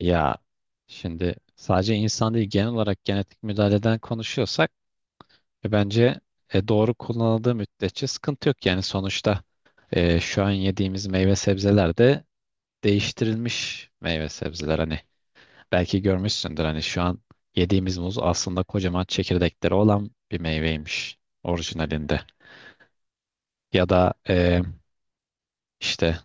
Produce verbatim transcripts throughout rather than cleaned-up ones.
Ya şimdi sadece insan değil genel olarak genetik müdahaleden konuşuyorsak e, bence e, doğru kullanıldığı müddetçe sıkıntı yok. Yani sonuçta e, şu an yediğimiz meyve sebzeler de değiştirilmiş meyve sebzeler. Hani belki görmüşsündür hani şu an yediğimiz muz aslında kocaman çekirdekleri olan bir meyveymiş orijinalinde. Ya da e, işte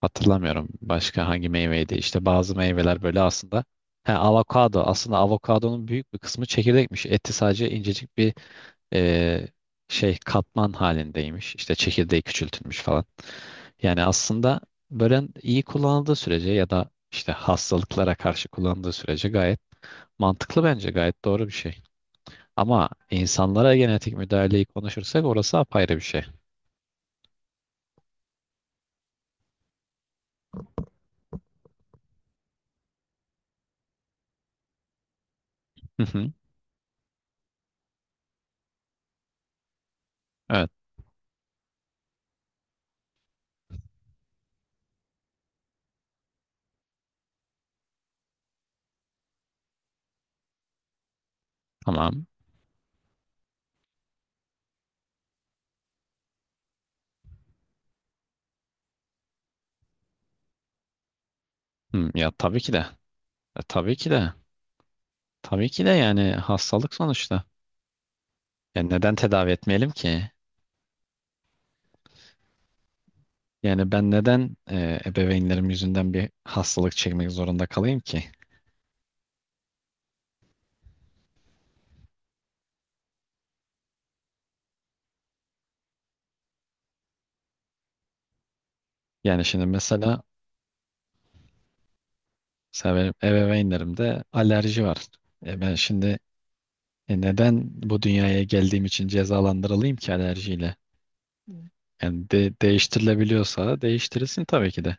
hatırlamıyorum başka hangi meyveydi. İşte bazı meyveler böyle aslında. He, avokado. Aslında avokadonun büyük bir kısmı çekirdekmiş. Eti sadece incecik bir e, şey katman halindeymiş. İşte çekirdeği küçültülmüş falan. Yani aslında böyle iyi kullanıldığı sürece ya da işte hastalıklara karşı kullanıldığı sürece gayet mantıklı bence. Gayet doğru bir şey. Ama insanlara genetik müdahaleyi konuşursak orası apayrı bir şey. Hı hı. Evet, tamam. Hı, ya tabii ki de. E, tabii ki de. Tabii ki de yani hastalık sonuçta. Yani neden tedavi etmeyelim ki? Yani ben neden e, ebeveynlerim yüzünden bir hastalık çekmek zorunda kalayım ki? Yani şimdi mesela, mesela benim ebeveynlerimde alerji var. E ben şimdi e, neden bu dünyaya geldiğim için cezalandırılayım ki alerjiyle? Yani de, değiştirilebiliyorsa değiştirilsin tabii ki de.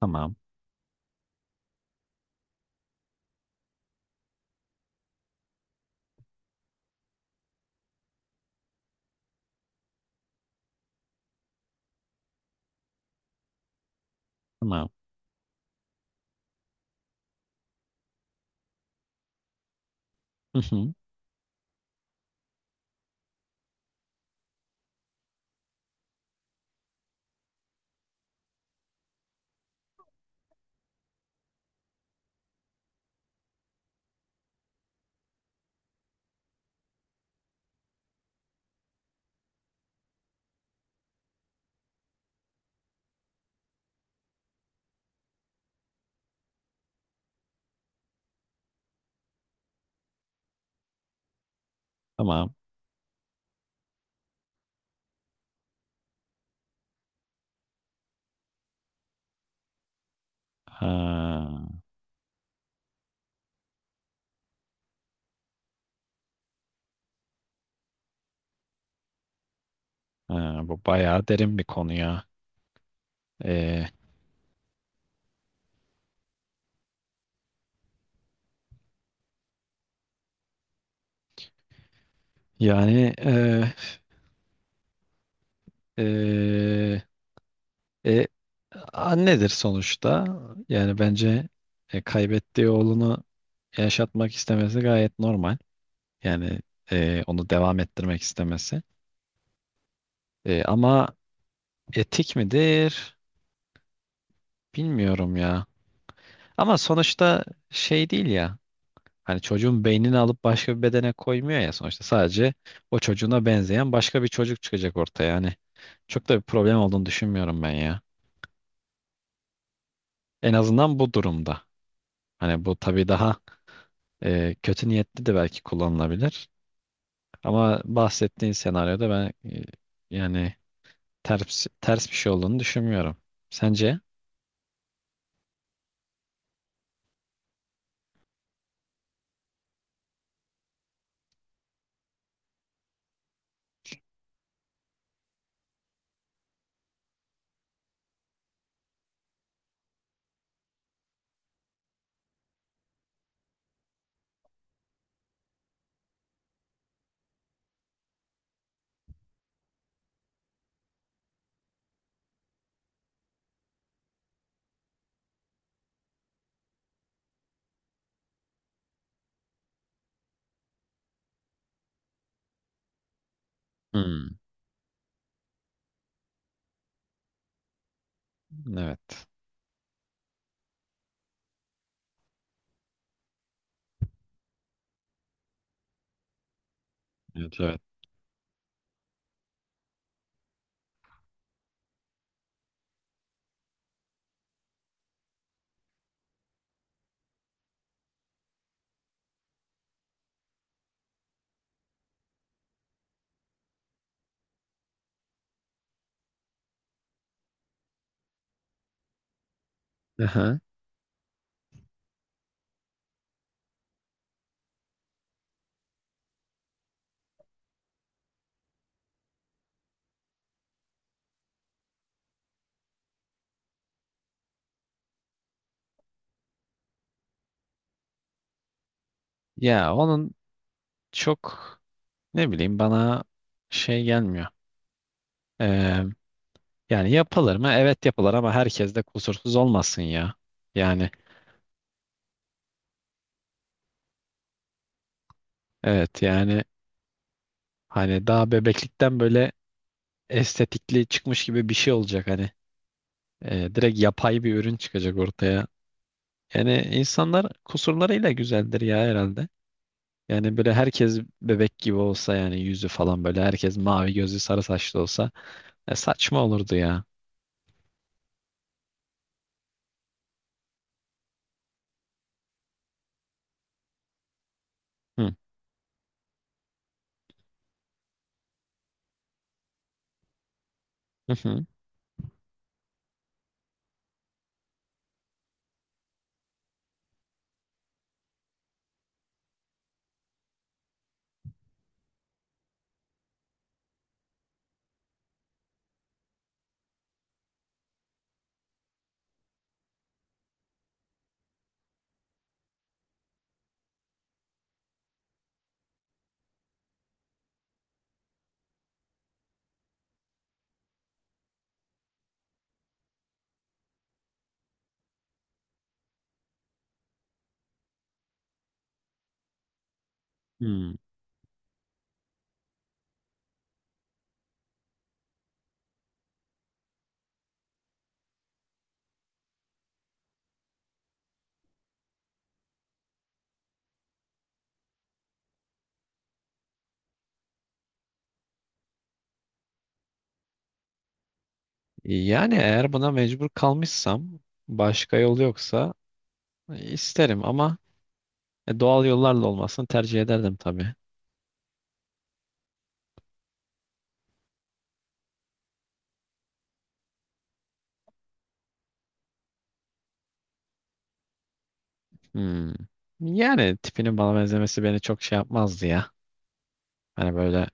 Tamam, tamam. Hı hı, tamam. Ha, ha, bu bayağı derin bir konu ya. E, yani Ee, e, annedir sonuçta. Yani bence e, kaybettiği oğlunu yaşatmak istemesi gayet normal. Yani e, onu devam ettirmek istemesi. E, ama etik midir? Bilmiyorum ya. Ama sonuçta şey değil ya. Hani çocuğun beynini alıp başka bir bedene koymuyor ya sonuçta. Sadece o çocuğuna benzeyen başka bir çocuk çıkacak ortaya. Yani çok da bir problem olduğunu düşünmüyorum ben ya. En azından bu durumda. Hani bu tabii daha E, kötü niyetli de belki kullanılabilir. Ama bahsettiğin senaryoda ben e, yani ters, ters bir şey olduğunu düşünmüyorum. Sence? Hmm, evet. Evet, evet. Aha. Ya onun çok ne bileyim bana şey gelmiyor. Ee, yani yapılır mı? Evet yapılır ama herkes de kusursuz olmasın ya. Yani evet yani hani daha bebeklikten böyle estetikli çıkmış gibi bir şey olacak hani. Ee, direkt yapay bir ürün çıkacak ortaya. Yani insanlar kusurlarıyla güzeldir ya herhalde. Yani böyle herkes bebek gibi olsa yani yüzü falan böyle herkes mavi gözlü sarı saçlı olsa e, saçma olurdu ya. Hı. Hı hı. Hı. Yani eğer buna mecbur kalmışsam başka yol yoksa e, isterim ama e, doğal yollarla olmasını tercih ederdim tabii. Hmm. Yani tipinin bana benzemesi beni çok şey yapmazdı ya. Hani böyle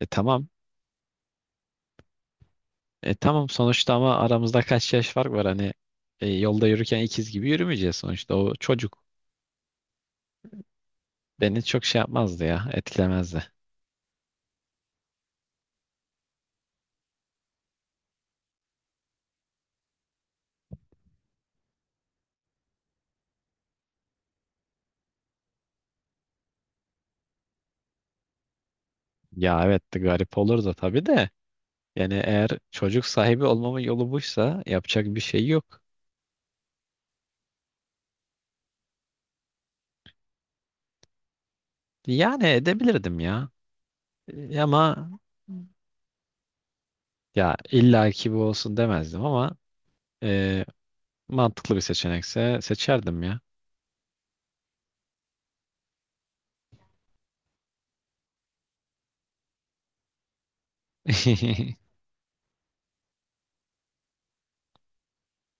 e, tamam. E tamam sonuçta ama aramızda kaç yaş fark var hani e, yolda yürürken ikiz gibi yürümeyeceğiz sonuçta. O çocuk beni çok şey yapmazdı ya, etkilemezdi. Ya evet de garip olurdu tabii de yani eğer çocuk sahibi olmamın yolu buysa yapacak bir şey yok. Yani edebilirdim ya. E, ama ya illa ki bu olsun demezdim ama e, mantıklı bir seçenekse seçerdim ya.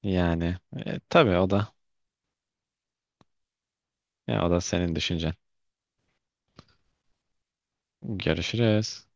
Yani e, tabii o da, ya o da senin düşüncen. Görüşürüz.